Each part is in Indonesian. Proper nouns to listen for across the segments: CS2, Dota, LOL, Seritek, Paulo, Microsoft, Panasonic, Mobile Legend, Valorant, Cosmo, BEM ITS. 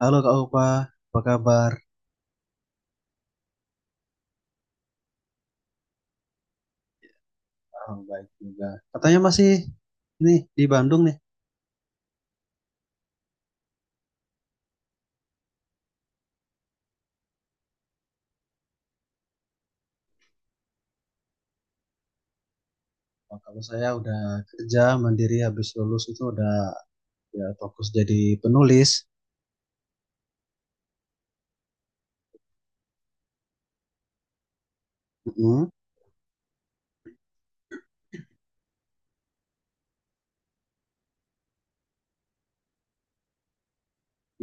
Halo Kak Upa, apa kabar? Oh, baik juga. Katanya masih ini di Bandung nih. Oh, kalau saya udah kerja mandiri habis lulus itu udah ya fokus jadi penulis. Mm-mm.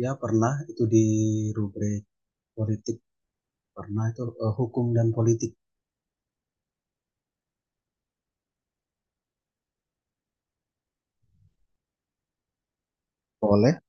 Ya pernah itu di rubrik politik, pernah itu hukum dan politik. Boleh.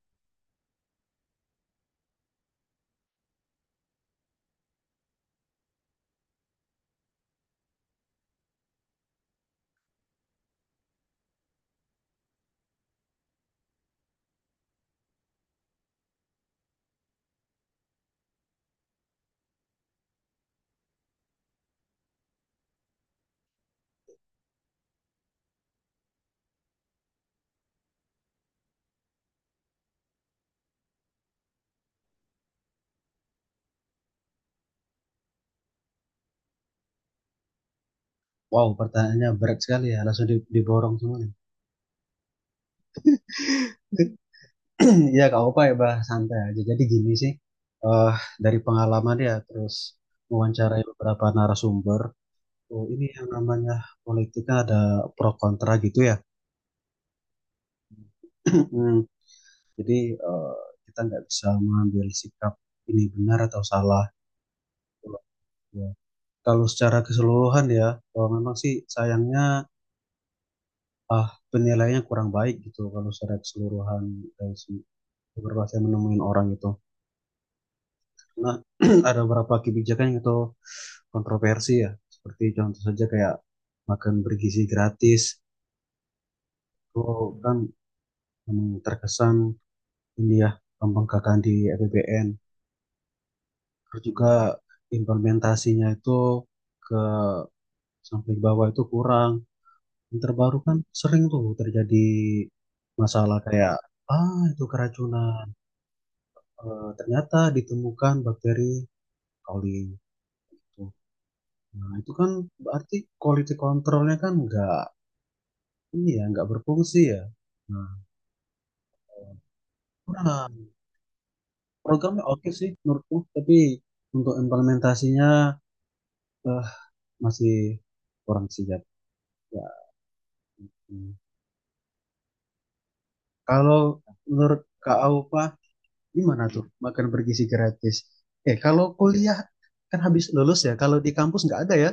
Wow, pertanyaannya berat sekali ya, langsung diborong semua nih. Ya Kak Opa ya bah santai aja. Jadi gini sih, eh dari pengalaman ya, terus mewawancarai beberapa narasumber. Oh, ini yang namanya politiknya ada pro kontra gitu ya. Hmm. Jadi eh, kita nggak bisa mengambil sikap ini benar atau salah. Gitu ya. Kalau secara keseluruhan ya, kalau memang sih sayangnya penilaiannya kurang baik gitu kalau secara keseluruhan dari si beberapa saya menemuin orang itu. Karena ada beberapa kebijakan yang itu kontroversi ya. Seperti contoh saja kayak makan bergizi gratis. Itu kan memang terkesan ini ya gampang gagal di APBN, terus juga implementasinya itu ke sampai bawah itu kurang. Yang terbaru kan sering tuh terjadi masalah kayak itu keracunan. Eh, ternyata ditemukan bakteri coli gitu. Nah, itu kan berarti quality controlnya kan nggak ini ya nggak berfungsi ya. Nah, kurang. Programnya oke sih menurutku, tapi untuk implementasinya eh, masih kurang siap ya. Kalau menurut Kak Aupa, gimana tuh makan bergizi gratis? Eh, kalau kuliah kan habis lulus ya, kalau di kampus nggak ada ya?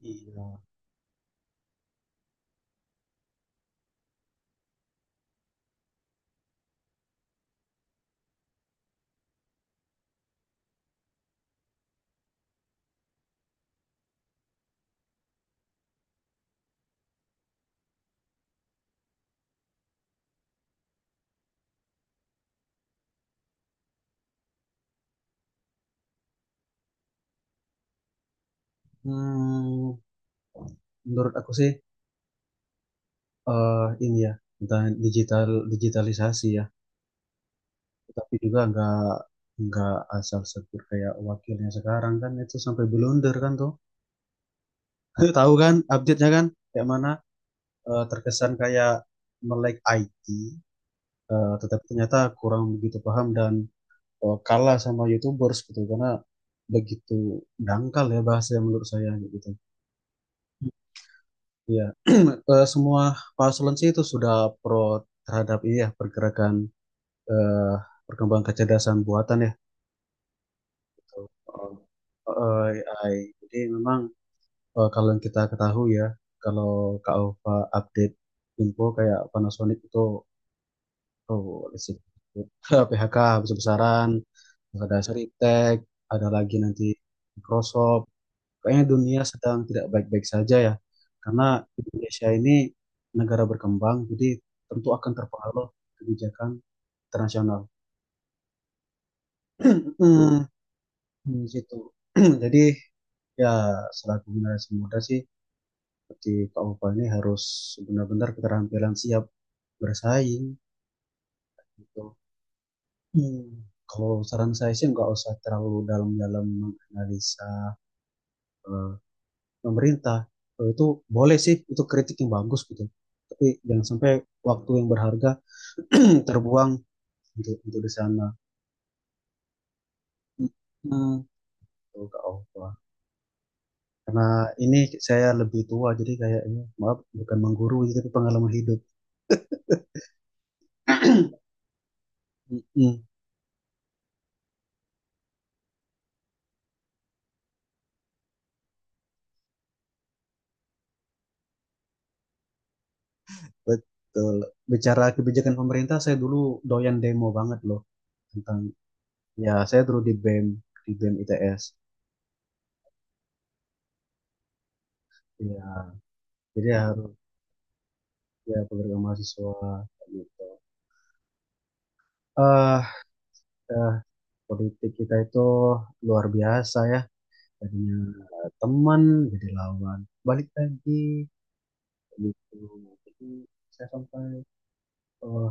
Iya. Hmm, menurut aku sih eh ini ya tentang digitalisasi ya, tapi juga nggak asal sebut kayak wakilnya sekarang kan itu sampai blunder kan tuh. Tahu kan update-nya kan kayak mana, eh, terkesan kayak melek IT, eh, tetapi ternyata kurang begitu paham dan kalah sama YouTubers gitu karena begitu dangkal ya bahasa yang menurut saya gitu. Iya. Eh, semua paslon sih itu sudah pro terhadap ini ya pergerakan, eh, perkembangan kecerdasan buatan ya gitu. Eh, AI. Jadi memang, kalau yang kita ketahui ya, kalau Kak Ova update info kayak Panasonic itu oh, listrik. PHK besar-besaran, terus ada Seritek, ada lagi nanti Microsoft. Kayaknya dunia sedang tidak baik-baik saja ya, karena Indonesia ini negara berkembang, jadi tentu akan terpengaruh kebijakan internasional. Hmm, di situ. Jadi ya selaku generasi muda sih, seperti Pak Opa ini harus benar-benar keterampilan siap bersaing gitu. Hmm, kalau saran saya sih nggak usah terlalu dalam-dalam menganalisa eh, pemerintah, itu boleh sih itu kritik yang bagus gitu, tapi jangan sampai waktu yang berharga terbuang untuk di sana hmm, tuh Kak Ova. Karena ini saya lebih tua jadi kayak ini maaf bukan menggurui tapi pengalaman hidup. Mm, betul. Bicara kebijakan pemerintah, saya dulu doyan demo banget loh tentang, ya saya dulu di BEM, di BEM ITS ya, jadi harus ya pekerja mahasiswa gitu. Eh, eh, politik kita itu luar biasa ya. Tadinya teman jadi lawan. Balik lagi gitu. Jadi saya sampai, eh,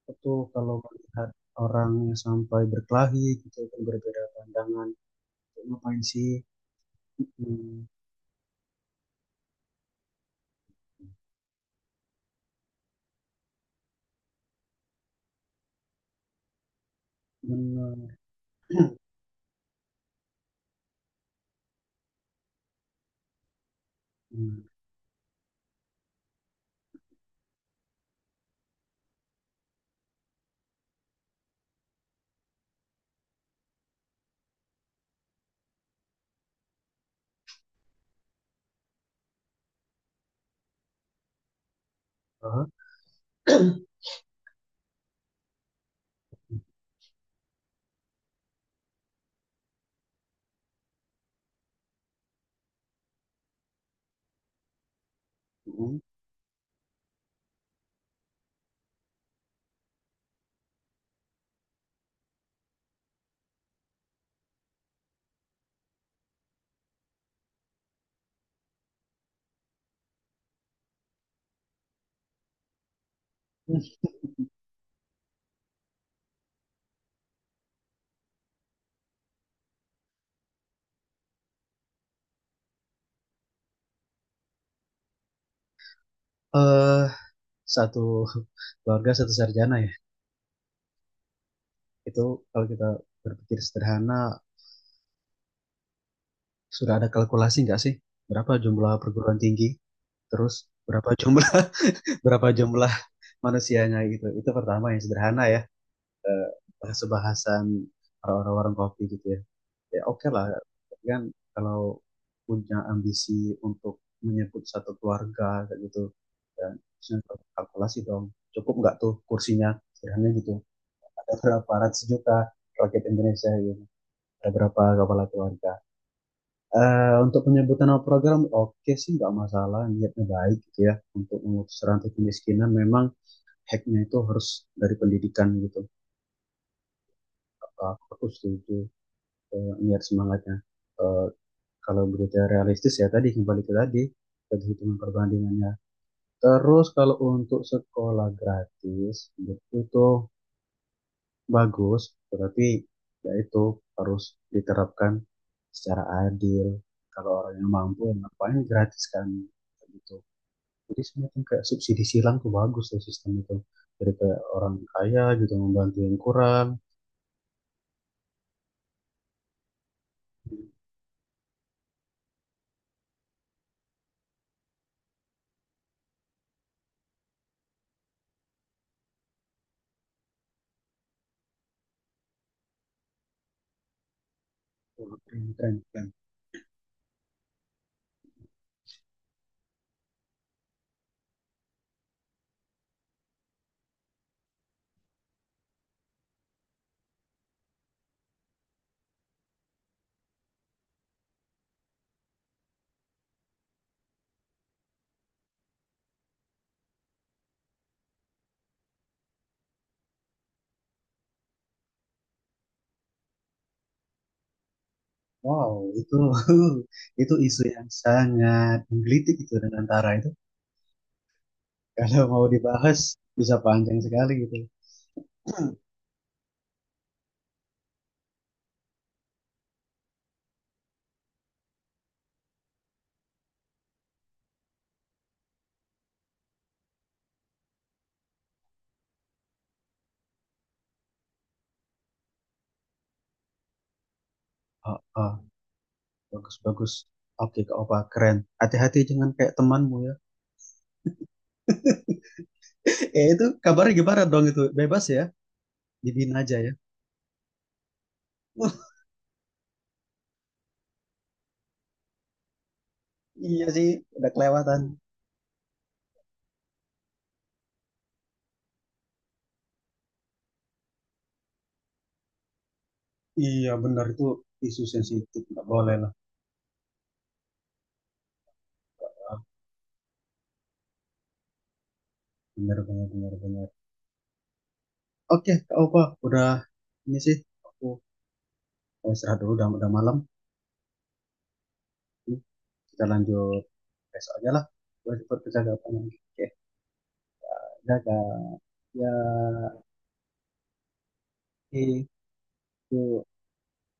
apa tuh kalau melihat orang yang sampai berkelahi gitu kan berbeda pandangan. Ngapain sih? Hmm, benar. Hmm. Aha. Hmm. eh satu keluarga satu sarjana ya, itu kalau kita berpikir sederhana, sudah ada kalkulasi nggak sih berapa jumlah perguruan tinggi, terus berapa jumlah berapa jumlah manusianya gitu, itu pertama yang sederhana ya, eh, bahasa bahasan orang-orang warung kopi gitu ya. Ya oke lah kan, kalau punya ambisi untuk menyebut satu keluarga kayak gitu dan terusnya, kalkulasi dong cukup nggak tuh kursinya, sederhana gitu, ada berapa ratus juta rakyat Indonesia gitu, ada berapa kepala keluarga. Eh, untuk penyebutan nama program oke sih nggak masalah, niatnya baik gitu ya, untuk memutus rantai kemiskinan memang hacknya itu harus dari pendidikan gitu. Aku setuju niat semangatnya. Uh, kalau berita realistis ya tadi kembali ke tadi, tadi hitungan perbandingannya. Terus kalau untuk sekolah gratis itu tuh bagus, tetapi ya itu harus diterapkan secara adil. Kalau orang yang mampu yang ngapain gratis kan, gitu. Jadi semacam kayak subsidi silang tuh bagus tuh sistem itu, jadi kayak orang kaya gitu membantu yang kurang. Wah, keren, keren, keren. Wow, itu itu isu yang sangat menggelitik, itu dan antara itu kalau mau dibahas bisa panjang sekali gitu. Oh, oh, bagus, bagus. Oke, Kak Opa, keren. Hati-hati jangan kayak temanmu ya. Eh, itu kabarnya gimana dong itu? Bebas ya? Dibina aja ya? Wah, iya sih, udah kelewatan. Iya, benar itu isu sensitif. Nggak boleh lah. Ah, benar, benar, benar, benar. Oke, Kak Opa, udah ini sih. Aku mau istirahat dulu, udah malam. Kita lanjut besok aja lah buat percakapan. Oke, dadah ya itu.